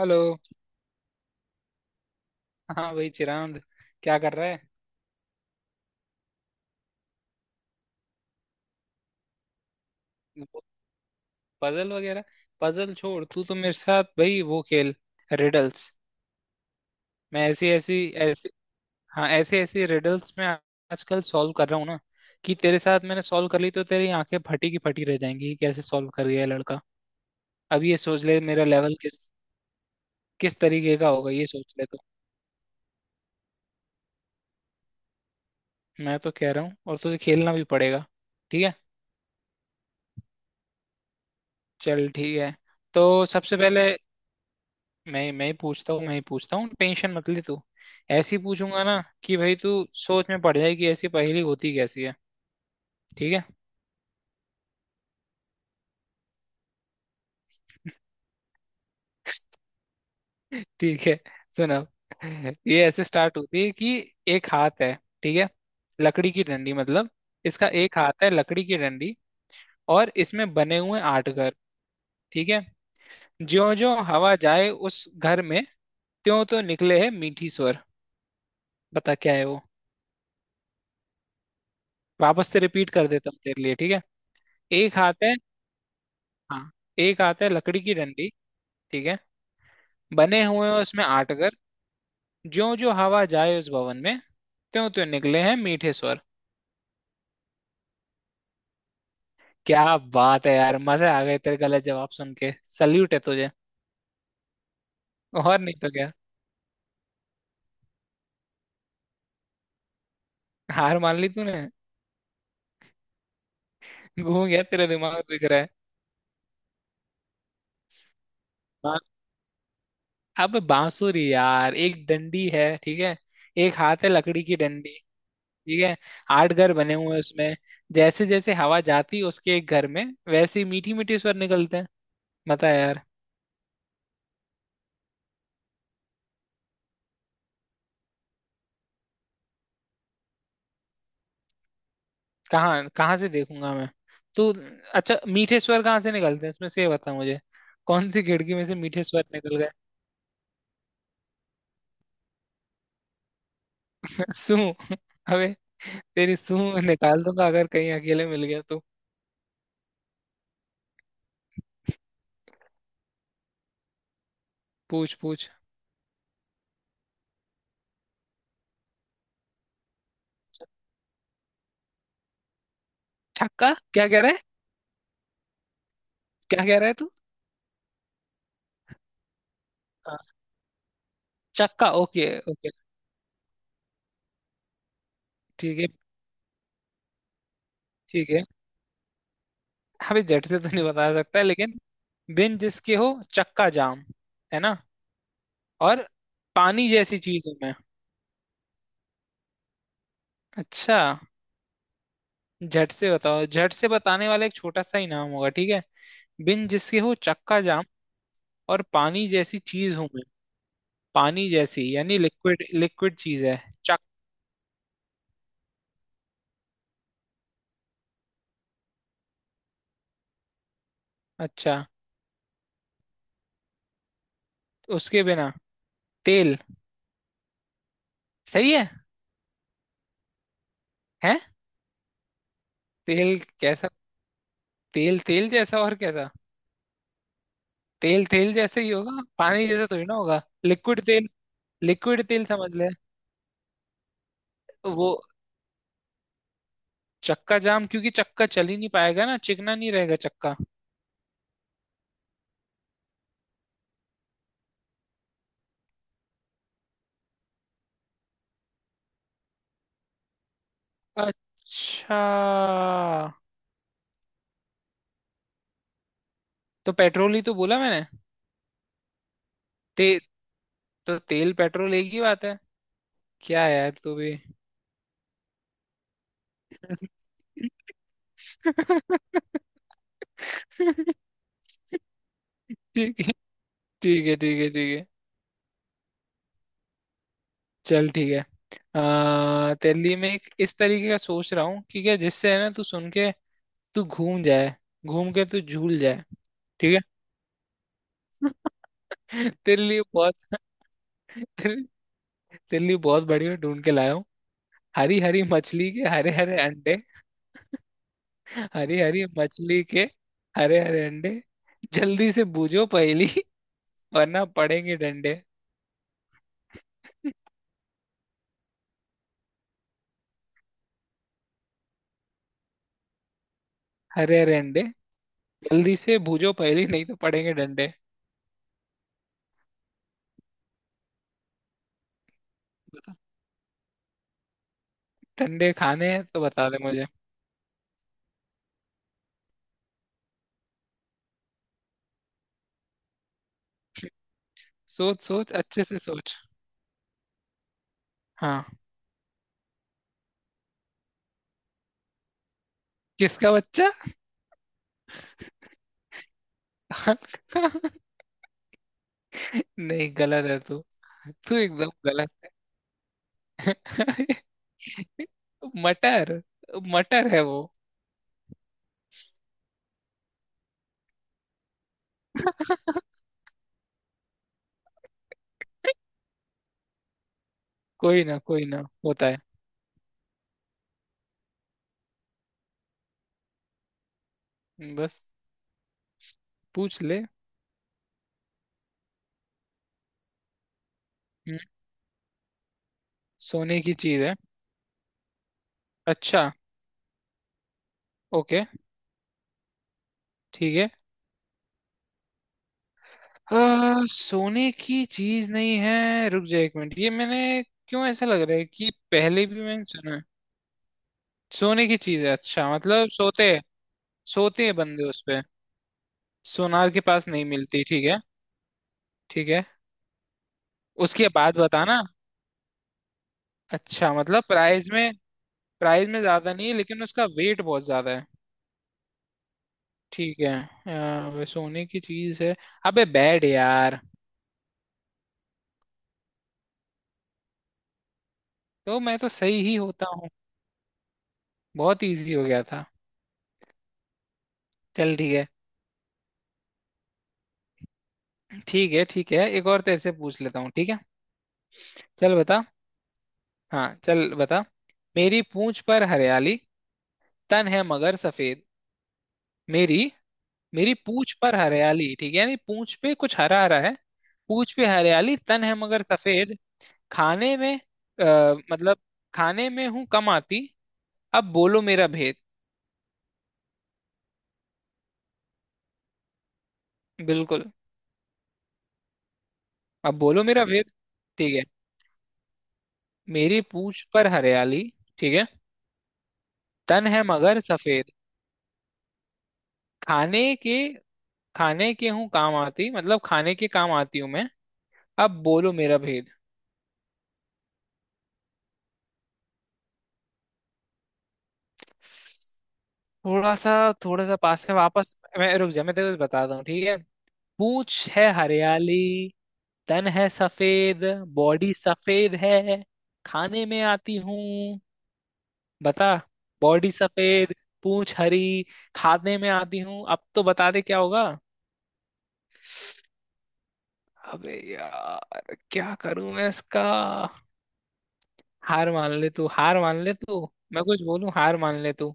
Hello. हाँ भाई चिरांद, क्या कर रहा है? पजल वगैरह? पजल छोड़, तू तो मेरे साथ भाई वो खेल, रिडल्स। मैं ऐसी ऐसी ऐसी हाँ, ऐसे ऐसे रिडल्स में आजकल सॉल्व कर रहा हूँ ना कि तेरे साथ मैंने सॉल्व कर ली तो तेरी आंखें फटी की फटी रह जाएंगी कि कैसे सॉल्व कर गया ये लड़का। अब ये सोच ले मेरा लेवल किस किस तरीके का होगा, ये सोच ले। तो मैं तो कह रहा हूँ और तुझे खेलना भी पड़ेगा। ठीक है। चल ठीक है। तो सबसे पहले मैं ही पूछता हूँ, मैं ही पूछता हूँ, टेंशन मत ले तू। ऐसी पूछूंगा ना कि भाई तू सोच में पड़ जाए कि ऐसी पहेली होती कैसी है। ठीक है। ठीक है। सुनो, ये ऐसे स्टार्ट होती है कि एक हाथ है, ठीक है, लकड़ी की डंडी मतलब, इसका एक हाथ है लकड़ी की डंडी, और इसमें बने हुए आठ घर, ठीक है। ज्यो ज्यो हवा जाए उस घर में, त्यों तो निकले है मीठी स्वर। बता क्या है वो। वापस से रिपीट कर देता हूँ तेरे लिए, ठीक है। एक हाथ है, हाँ, एक हाथ है लकड़ी की डंडी, ठीक है, बने हुए हैं उसमें आठ घर। ज्यों ज्यों हवा जाए उस भवन में, त्यों त्यों निकले हैं मीठे स्वर। क्या बात है यार, मजे आ गए तेरे गलत जवाब सुन के। सल्यूट है तुझे। और नहीं तो क्या। हार मान ली तूने। घूम गया तेरा दिमाग दिख रहा है। बा- अब बांसुरी यार, एक डंडी है, ठीक है, एक हाथ है लकड़ी की डंडी, ठीक है, आठ घर बने हुए हैं उसमें। जैसे जैसे हवा जाती है उसके एक घर में, वैसे ही मीठी मीठी स्वर निकलते हैं। बता यार। कहाँ कहाँ से देखूंगा मैं तो? अच्छा मीठे स्वर कहाँ से निकलते हैं उसमें से, ये बता मुझे। कौन सी खिड़की में से मीठे स्वर निकल गए? सू। अबे तेरी सू निकाल दूंगा अगर कहीं अकेले मिल गया तो। पूछ पूछ। छक्का क्या कह रहा है? क्या कह रहा है तू? हाँ, चक्का, ओके ओके, ठीक है, ठीक है, अभी झट से तो नहीं बता सकता लेकिन, बिन जिसके हो चक्का जाम, है ना, और पानी जैसी चीज हूं मैं। अच्छा, झट से बताओ, झट से बताने वाला एक छोटा सा ही नाम होगा, ठीक है। बिन जिसके हो चक्का जाम, और पानी जैसी चीज हूं मैं। पानी जैसी यानी लिक्विड, लिक्विड चीज है। चक अच्छा, उसके बिना, तेल। सही है। है, तेल कैसा? तेल तेल जैसा और कैसा? तेल तेल जैसे ही होगा, पानी जैसा थोड़ी ना होगा, लिक्विड तेल। लिक्विड तेल समझ ले। वो चक्का जाम, क्योंकि चक्का चल ही नहीं पाएगा ना, चिकना नहीं रहेगा चक्का। अच्छा, तो पेट्रोल ही तो बोला मैंने। ते, तो तेल पेट्रोल एक ही बात है। क्या यार तू भी। ठीक है ठीक है ठीक है ठीक है। चल ठीक है। तेरे लिए मैं एक इस तरीके का सोच रहा हूँ कि क्या, जिससे है ना तू सुन के तू घूम जाए, घूम के तू झूल जाए, ठीक है। तेरे लिए बहुत तेरे, तेरे लिए बहुत बढ़िया ढूंढ के लाया हूँ। हरी हरी मछली के हरे हरे अंडे। हरी हरी मछली के हरे हरे अंडे, जल्दी से बूझो पहेली, वरना पड़ेंगे डंडे। अरे अरे अंडे, जल्दी से भूजो पहली, नहीं तो पड़ेंगे डंडे। बता। डंडे खाने हैं तो बता दे मुझे। सोच सोच अच्छे से सोच। हाँ। किसका बच्चा? नहीं गलत है तू। तू एकदम गलत है। मटर। मटर है वो। कोई ना, कोई ना होता है। बस, पूछ ले। हम्म, सोने की चीज है? अच्छा, ओके, ठीक है, आ, सोने की चीज नहीं है, रुक जा एक मिनट, ये मैंने क्यों ऐसा लग रहा है कि पहले भी मैंने सुना है। सोने की चीज है, अच्छा मतलब सोते हैं। सोते हैं बंदे उस पे। सोनार के पास नहीं मिलती, ठीक है। ठीक है। उसके बाद बताना। अच्छा मतलब प्राइस में ज्यादा नहीं है लेकिन उसका वेट बहुत ज्यादा है। ठीक है। वे सोने की चीज है। अबे बैड यार। तो मैं तो सही ही होता हूँ। बहुत इजी हो गया था। चल ठीक है। ठीक है ठीक है, एक और तेरे से पूछ लेता हूँ, ठीक है। चल बता। हाँ चल बता। मेरी पूंछ पर हरियाली, तन है मगर सफेद। मेरी मेरी पूंछ पर हरियाली, ठीक है, यानी पूंछ पे कुछ हरा हरा है। पूंछ पे हरियाली, तन है मगर सफेद, खाने में, मतलब खाने में हूं कम आती, अब बोलो मेरा भेद। बिल्कुल। अब बोलो मेरा भेद, ठीक है। मेरी पूंछ पर हरियाली, ठीक है, तन है मगर सफेद, खाने के खाने के हूँ काम आती, मतलब खाने के काम आती हूँ मैं, अब बोलो मेरा भेद। थोड़ा सा। थोड़ा सा पास है, वापस मैं रुक जा, मैं तेरे को बताता हूँ, ठीक है। पूंछ है हरियाली, तन है सफेद। बॉडी सफेद है, खाने में आती हूँ। बता। बॉडी सफेद, पूंछ हरी, खाने में आती हूँ, अब तो बता दे क्या होगा। अबे यार क्या करूं मैं इसका। हार मान ले तू, हार मान ले तू, मैं कुछ बोलूं, हार मान ले तू।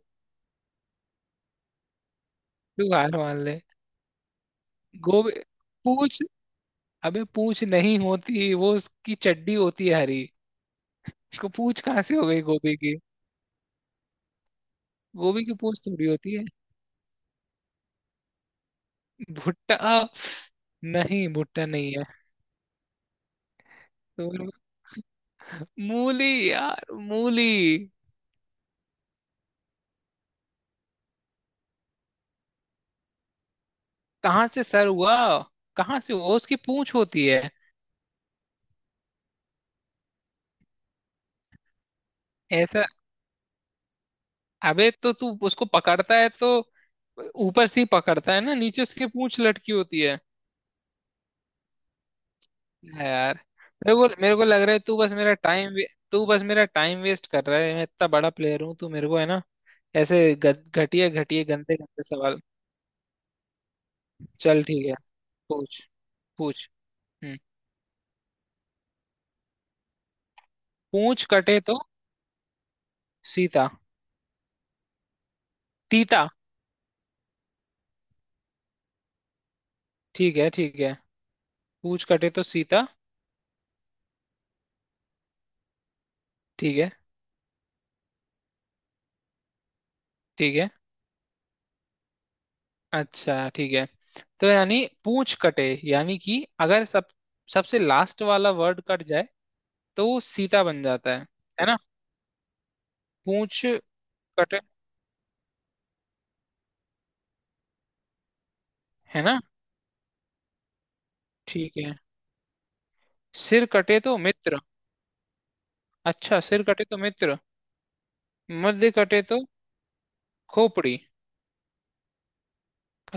तू हार मान ले। गोभी? पूछ, अबे पूंछ नहीं होती, वो उसकी चड्डी होती है हरी। उसको पूंछ कहाँ से हो गई गोभी की? गोभी की पूंछ थोड़ी होती है। भुट्टा? नहीं भुट्टा नहीं है। तो मूली यार, मूली। कहाँ से सर हुआ? कहाँ से हुआ, उसकी पूंछ होती है। ऐसा, अबे तो तू उसको पकड़ता है तो ऊपर से ही पकड़ता है ना, नीचे उसकी पूंछ लटकी होती है। है यार। मेरे को लग रहा है, तू बस मेरा टाइम वेस्ट कर रहा है। मैं इतना बड़ा प्लेयर हूँ, तू मेरे को है ना ऐसे घटिया घटिया गंदे गंदे सवाल। चल ठीक है। पूछ पूछ। हम्म पूछ कटे तो सीता? तीता? ठीक है ठीक है। पूछ कटे तो सीता, ठीक है ठीक है। अच्छा ठीक है। तो यानी पूछ कटे, यानी कि अगर सब सबसे लास्ट वाला वर्ड कट जाए तो वो सीता बन जाता है ना। पूछ कटे, है ना, ठीक है। सिर कटे तो मित्र। अच्छा सिर कटे तो मित्र। मध्य कटे तो खोपड़ी।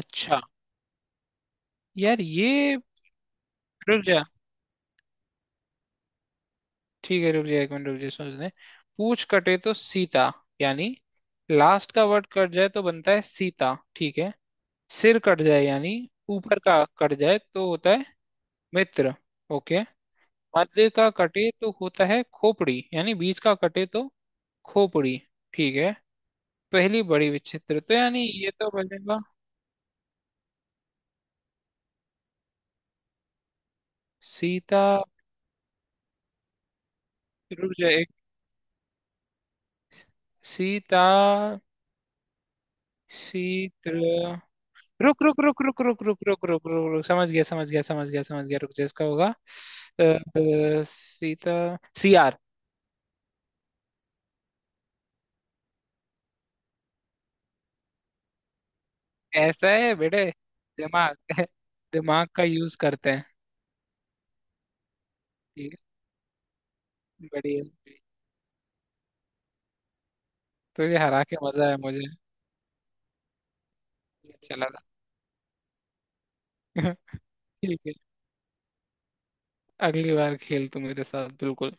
अच्छा। यार ये रुक जा, ठीक है, रुक जा एक मिनट, रुक जा सोचने। पूछ कटे तो सीता, यानी लास्ट का वर्ड कट जाए तो बनता है सीता, ठीक है। सिर कट जाए यानी ऊपर का कट जाए तो होता है मित्र। ओके। मध्य का कटे तो होता है खोपड़ी, यानी बीच का कटे तो खोपड़ी, ठीक है। पहली बड़ी विचित्र, तो यानी ये तो बनेगा सीता, रुक जाए एक, सीता, सीत्र। रुक रुक रुक रुक रुक रुक रुक रुक रुक रुक, समझ गया समझ गया समझ गया समझ गया, रुक जा इसका होगा, सीता, सी आर। ऐसा है बेटे। दिमाग दिमाग का यूज करते हैं। ठीक है, बढ़िया। तो ये हरा के मजा है मुझे। अच्छा लगा। ठीक है। अगली बार खेल तू मेरे साथ बिल्कुल।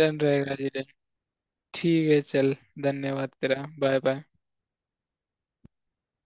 डन रहेगा जी डन। ठीक है चल। धन्यवाद तेरा, बाय बाय।